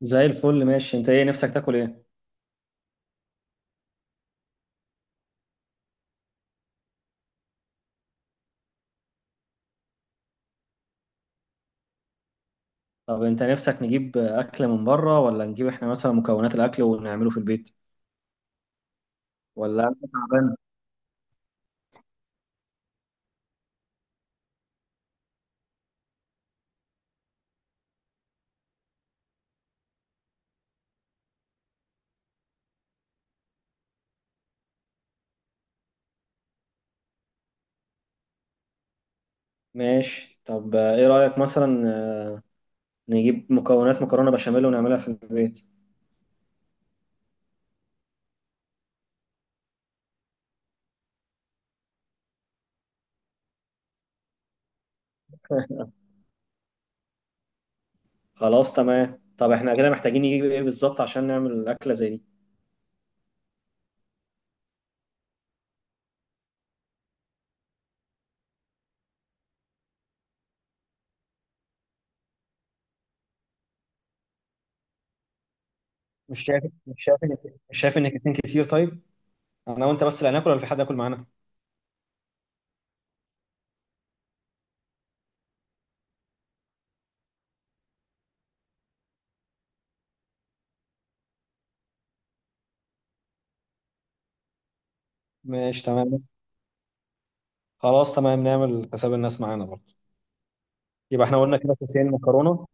زي الفل، ماشي. انت ايه نفسك تاكل ايه؟ طب انت نفسك نجيب اكل من بره ولا نجيب احنا مثلا مكونات الاكل ونعمله في البيت؟ ولا انت تعبان؟ ماشي. طب ايه رايك مثلا، نجيب مكونات مكرونه بشاميل ونعملها في البيت؟ خلاص، تمام. طب احنا كده محتاجين نجيب ايه بالظبط عشان نعمل اكله زي دي؟ مش شايف مش شايف ان مش شايف ان اتنين كتير؟ طيب، انا وانت بس اللي هناكل ولا في حد هياكل معانا؟ ماشي، تمام. خلاص تمام، نعمل حساب الناس معانا برضه. يبقى احنا قلنا كده كيسين مكرونه.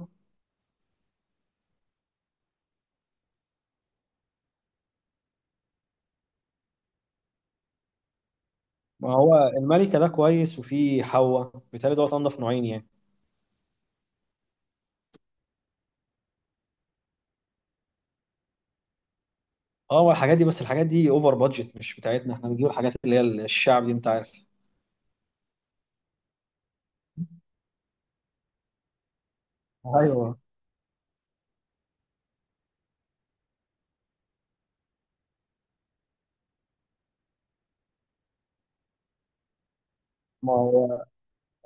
ما هو الملكة ده كويس، وفي حوا، بيتهيألي دوت أنضف نوعين يعني. اه، هو الحاجات دي، بس الحاجات دي اوفر بادجت، مش بتاعتنا. احنا بنجيب الحاجات اللي هي الشعب دي، انت عارف. ايوه. ما هو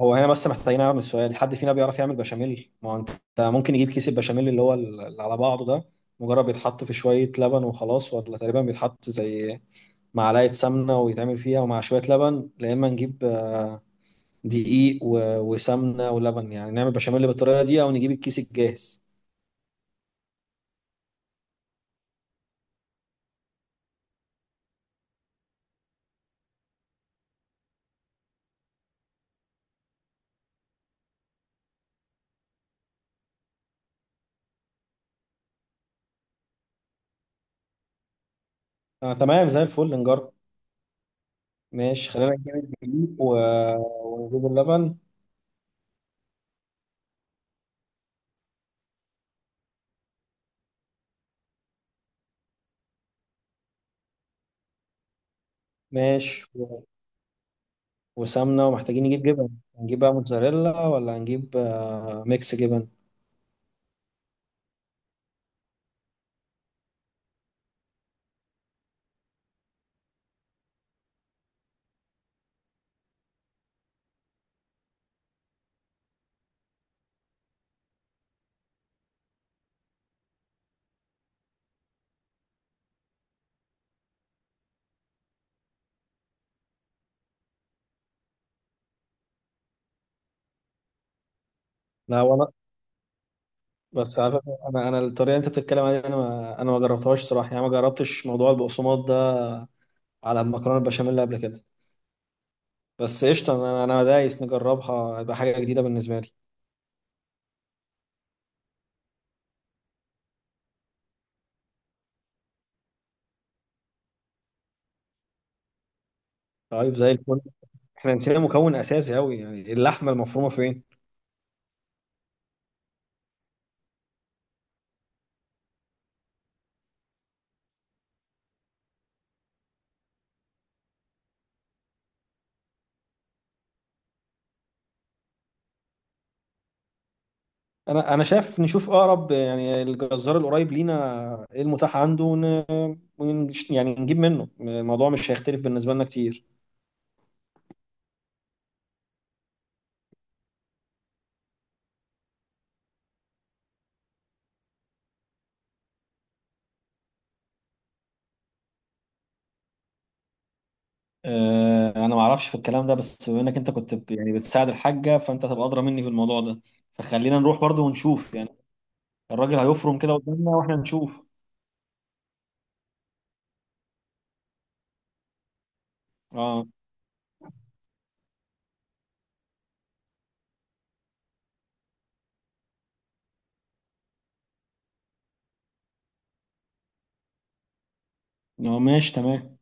هنا بس محتاجين نعمل سؤال: حد فينا بيعرف يعمل بشاميل؟ ما هو انت ممكن يجيب كيس البشاميل اللي هو اللي على بعضه ده، مجرد بيتحط في شوية لبن وخلاص، ولا تقريبا بيتحط زي معلقة سمنة ويتعمل فيها ومع شوية لبن؟ يا إما نجيب دقيق وسمنة ولبن، يعني نعمل بشاميل بالطريقة دي، أو نجيب الكيس الجاهز. آه تمام، زي الفل نجرب. ماشي، خلينا نجيب الدقيق و... ونجيب اللبن. ماشي، و... وسمنة، ومحتاجين نجيب جبن. هنجيب بقى موتزاريلا ولا هنجيب آه ميكس جبن؟ لا، وانا بس على فكرة، انا الطريقة اللي انت بتتكلم عليها دي انا ما جربتهاش صراحة، يعني ما جربتش موضوع البقسماط ده على المكرونة البشاميل قبل كده. بس قشطة، انا دايس نجربها، هتبقى حاجة جديدة بالنسبة لي. طيب زي الفل. احنا نسينا مكون اساسي قوي، يعني اللحمة المفرومة فين؟ انا شايف نشوف اقرب يعني الجزار القريب لينا ايه المتاح عنده، يعني نجيب منه. الموضوع مش هيختلف بالنسبه لنا كتير. انا ما اعرفش في الكلام ده، بس بما انك انت كنت يعني بتساعد الحاجه، فانت هتبقى ادرى مني في الموضوع ده. فخلينا نروح برضو ونشوف يعني. الراجل هيفرم كده قدامنا واحنا نشوف. اه. ماشي تمام.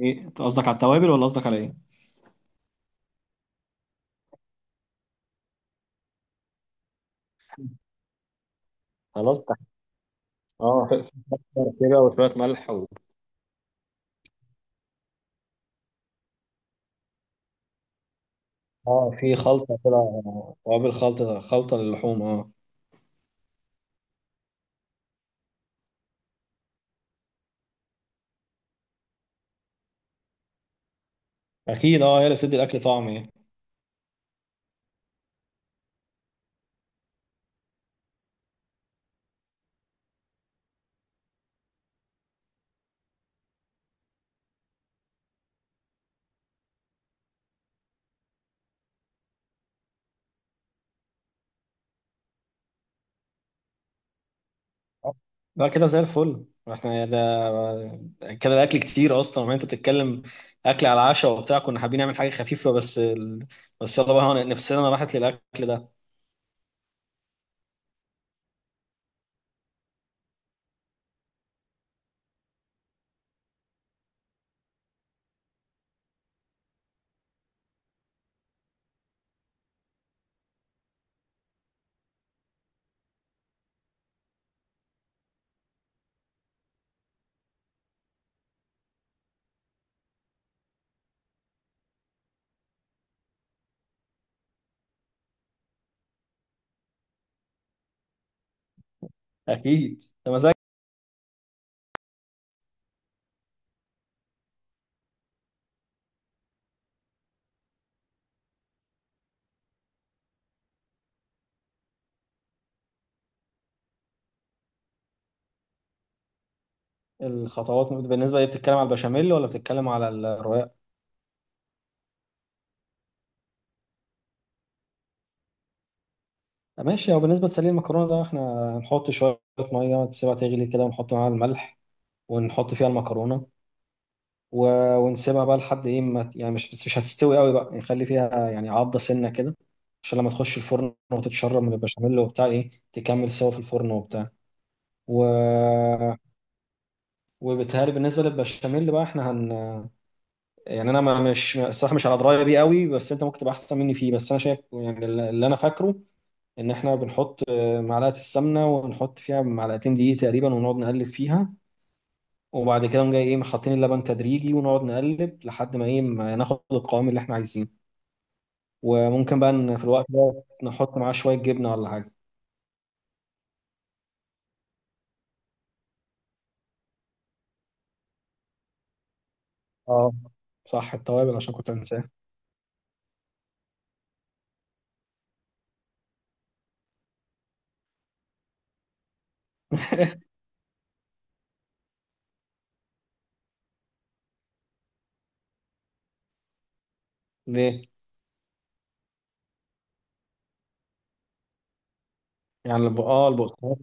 ايه، انت قصدك على التوابل ولا قصدك على ايه؟ خلاص، تحت. اه، في سكر كده وشويه ملح و... اه، في خلطه كده، توابل خلطه، للحوم اه. اكيد، اه، هي اللي بتدي الاكل طعم يعني. لا، كده زي الفل. احنا ده كده الاكل كتير اصلا. ما انت بتتكلم اكل على العشاء وبتاع، كنا حابين نعمل حاجه خفيفه بس بس يلا بقى، نفسنا راحت للاكل ده. اكيد، ده مزاج. الخطوات بالنسبه دي بتتكلم على البشاميل ولا بتتكلم على الرقاق؟ ماشي. او بالنسبه لسليم المكرونه ده، احنا هنحط شويه ميه، تسيبها تغلي كده، ونحط معاها الملح، ونحط فيها المكرونه و... ونسيبها بقى لحد ايه، ما ت- يعني مش هتستوي قوي بقى، يعني خلي فيها يعني عضة سنة كده، عشان لما تخش الفرن وتتشرب من البشاميل وبتاع ايه، تكمل سوا في الفرن وبتاع. و... وبالتهيألي بالنسبة للبشاميل بقى احنا هن يعني انا ما مش الصراحة مش على دراية بيه قوي، بس انت ممكن تبقى احسن مني فيه. بس انا شايف، يعني اللي انا فاكره ان احنا بنحط معلقة السمنة، ونحط فيها معلقتين دقيق تقريبا، ونقعد نقلب فيها، وبعد كده نقوم جاي ايه حاطين اللبن تدريجي، ونقعد نقلب لحد ما ايه ما ناخد القوام اللي احنا عايزينه. وممكن بقى إن في الوقت ده نحط معاه شوية جبنة ولا حاجة. اه، صح، التوابل، عشان كنت أنساه. ليه؟ يعني آه، البقسماط.